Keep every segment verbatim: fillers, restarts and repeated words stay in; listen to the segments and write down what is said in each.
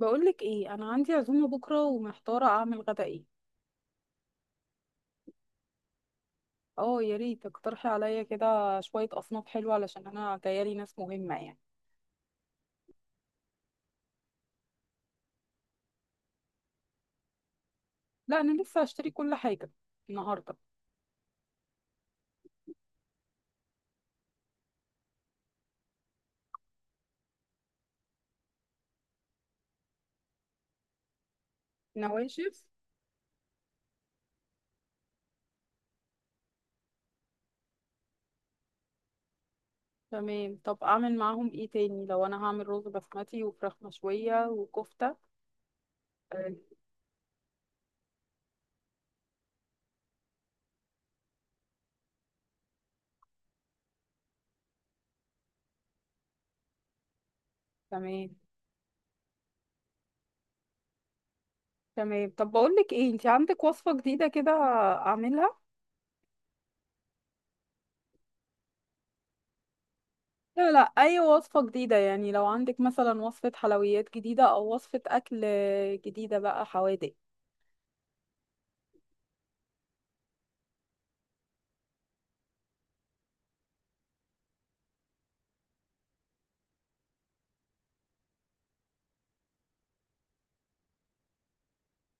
بقولك ايه، انا عندي عزومه بكره ومحتاره اعمل غدا ايه. اه يا ريت تقترحي عليا كده شويه اصناف حلوه علشان انا جايالي ناس مهمه يعني. لا انا لسه هشتري كل حاجه النهارده. نواشف. تمام، طب اعمل معاهم ايه تاني لو انا هعمل رز بسمتي وفراخ مشويه وكفته؟ آه، تمام. تمام، طب بقولك ايه، انتي عندك وصفه جديده كده اعملها؟ لا لا، اي وصفه جديده يعني، لو عندك مثلا وصفه حلويات جديده او وصفه اكل جديده بقى حوادق.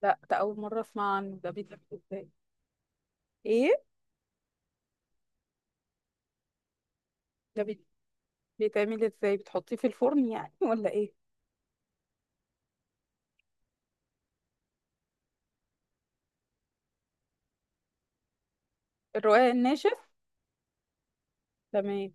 لا، ده أول مرة أسمع عنه، ده بيتعمل إزاي؟ إيه؟ ده بي- بيتعمل إزاي؟ بتحطيه في الفرن يعني ولا إيه؟ الرقاق الناشف. تمام.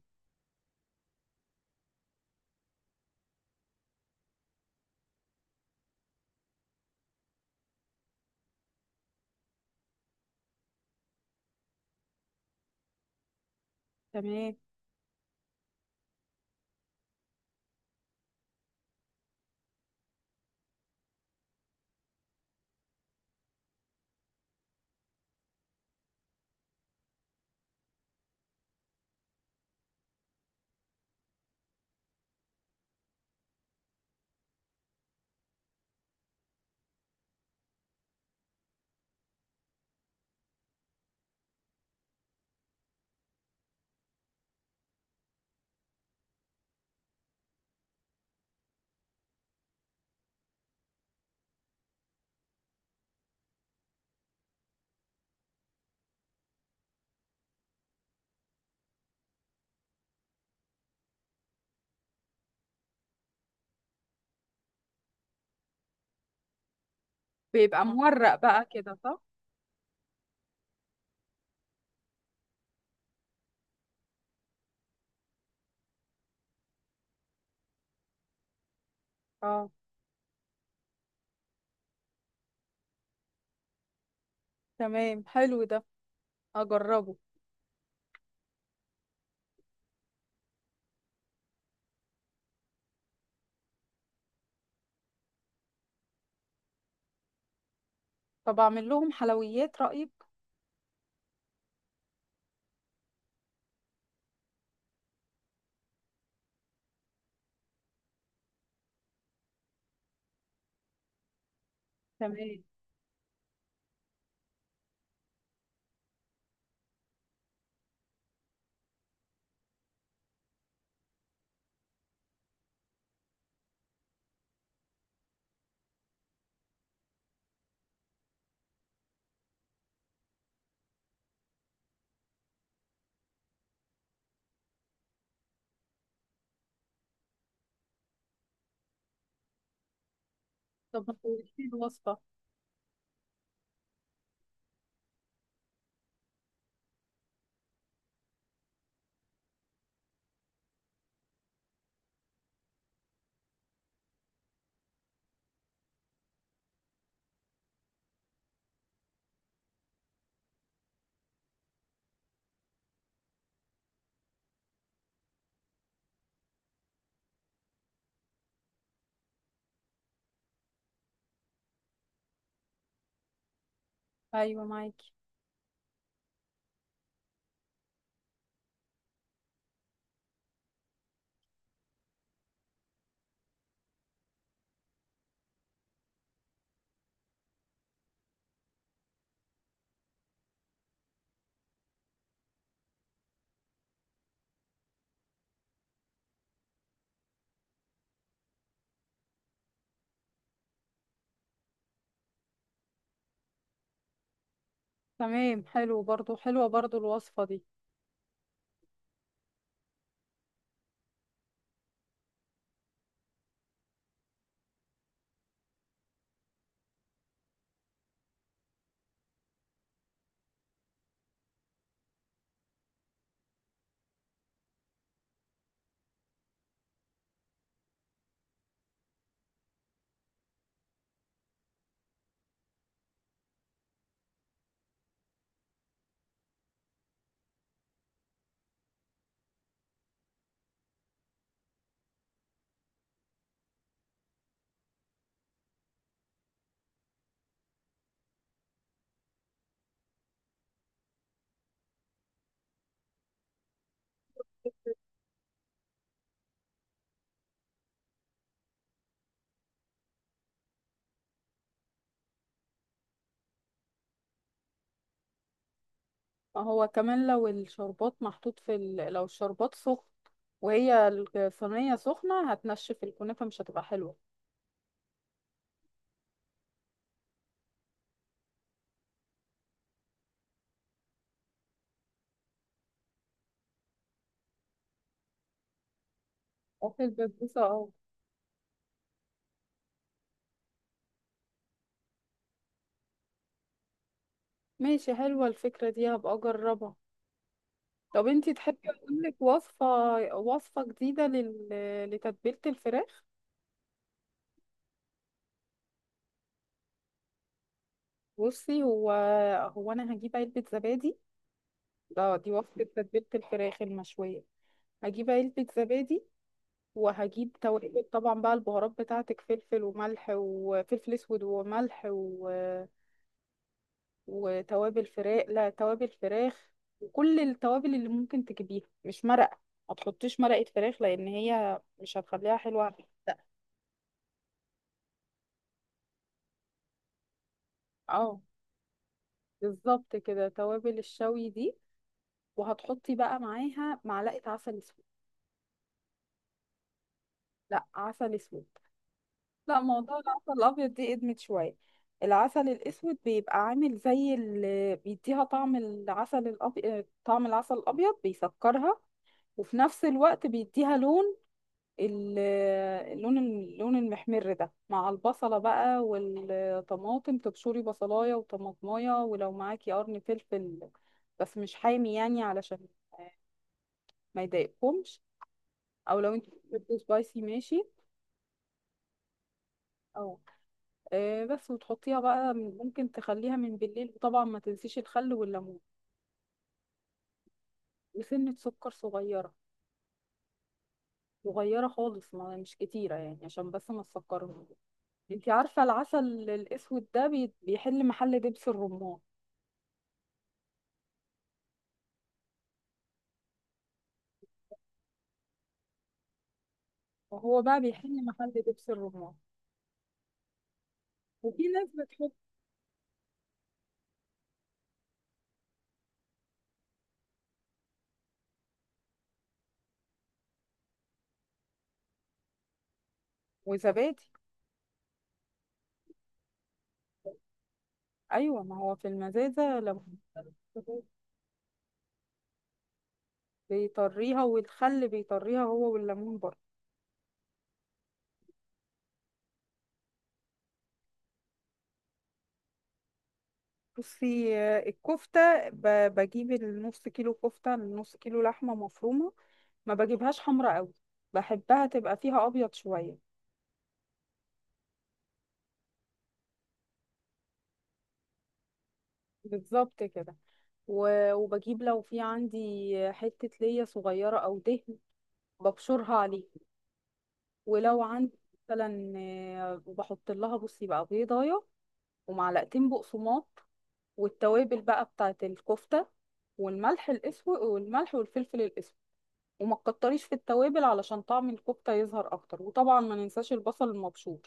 تمام. بيبقى مورق بقى كده، صح؟ اه. تمام، حلو ده، أجربه. طب أعمل لهم حلويات، رأيك؟ تمام، طب ما تقوليش لي الوصفة. أيوة معاكي. تمام، حلو برضو، حلوة برضو الوصفة دي. ما هو كمان لو الشربات محطوط في ال...، لو الشربات سخن وهي الصينية سخنة هتنشف الكنافة مش هتبقى حلوة. في البسبوسة اه. ماشي، حلوة الفكرة دي، هبقى اجربها. طب انتي تحبي اقولك وصفة؟ وصفة جديدة لل...، لتتبيلة الفراخ. بصي، هو هو انا هجيب علبة زبادي، ده دي وصفة تتبيلة الفراخ المشوية. هجيب علبة زبادي، وهجيب توابل طبعا بقى، البهارات بتاعتك فلفل وملح وفلفل اسود وملح و...، وتوابل فراخ، لا توابل فراخ وكل التوابل اللي ممكن تجيبيها، مش مرقة. ما تحطيش مرقة فراخ لأن هي مش هتخليها حلوة. لا. اه، بالظبط كده، توابل الشوي دي. وهتحطي بقى معاها معلقة عسل اسود. لا، عسل اسود. لا، موضوع العسل الابيض دي ادمت شوية. العسل الاسود بيبقى عامل زي اللي بيديها طعم العسل الابيض، طعم العسل الابيض بيسكرها، وفي نفس الوقت بيديها لون ال- اللون، اللون المحمر ده، مع البصلة بقى والطماطم، تبشري بصلاية وطماطماية، ولو معاكي قرن فلفل بس مش حامي يعني، علشان ما يضايقكمش، او لو انت بتحبي سبايسي ماشي. اه. آه، بس، وتحطيها بقى من- ممكن تخليها من بالليل، وطبعا ما تنسيش الخل والليمون، وسنة سكر صغيرة. صغيرة خالص، ما مش كتيرة يعني، عشان بس ما تسكرهوش. انت عارفة العسل الأسود ده بي- بيحل محل دبس الرمان. وهو بقى بيحل محل دبس الرمان. وفي ناس بتحب. وزبادي. ايوه، ما هو في المزازه لو. بيطريها، والخل بيطريها هو والليمون برضه. بصي، آه، الكفته، ب- بجيب النص كيلو كفته، النص كيلو لحمه مفرومه. ما بجيبهاش حمرا قوي، بحبها تبقى فيها ابيض شويه. بالظبط كده. و- وبجيب لو في عندي حته ليا صغيره او دهن، ببشرها عليه. ولو عندي مثلا، آه، وبحط لها، بصي بقى، بيضايه، ومعلقتين بقسماط، والتوابل بقى بتاعه الكفته، والملح الاسود والملح والفلفل الاسود. وما تكتريش في التوابل علشان طعم الكفته يظهر اكتر. وطبعا ما ننساش البصل المبشور.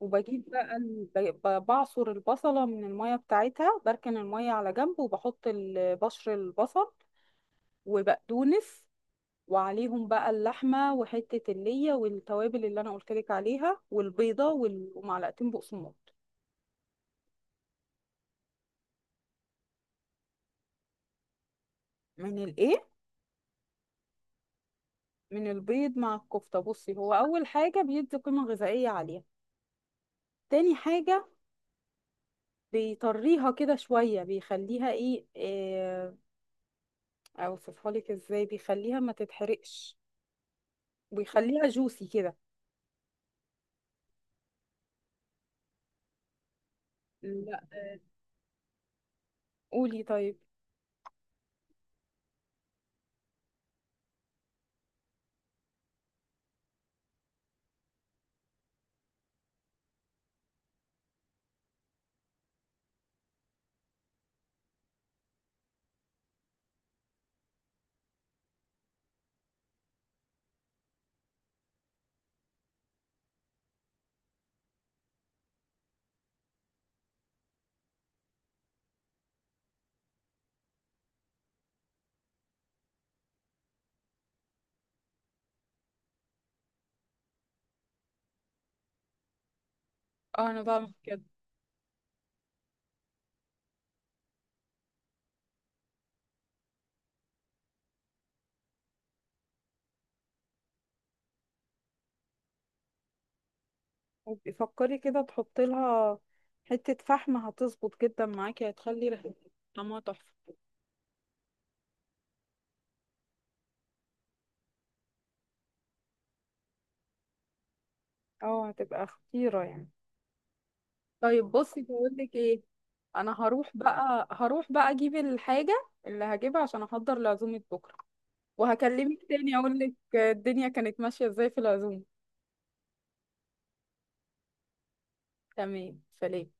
وبجيب بقى ال- ب- ب- بعصر البصله من الميه بتاعتها، بركن الميه على جنب، وبحط ال- بشر البصل وبقدونس، وعليهم بقى اللحمة وحتة اللية والتوابل اللي أنا قلتلك عليها، والبيضة وال- ومعلقتين بقسماط. من الإيه؟ من البيض مع الكفتة؟ بصي، هو أول حاجة بيدي قيمة غذائية عالية. تاني حاجة، بيطريها كده شوية، بيخليها إيه، آه، أوصفها لك إزاي، بيخليها ما تتحرقش، بيخليها جوسي كده. لا. قولي طيب. آه، أنا بعمل كده. وبي- فكري كده، تحطي لها حتة فحم، هتظبط جدا معاكي، هتخلي ريحتها، طعمها تحفة. اه، هتبقى خطيرة يعني. طيب بصي، بقول لك ايه، انا هروح بقى، هروح بقى اجيب الحاجه اللي هجيبها عشان احضر لعزومه بكره، وهكلمك تاني اقول لك الدنيا كانت ماشيه ازاي في العزومه. تمام، سلام.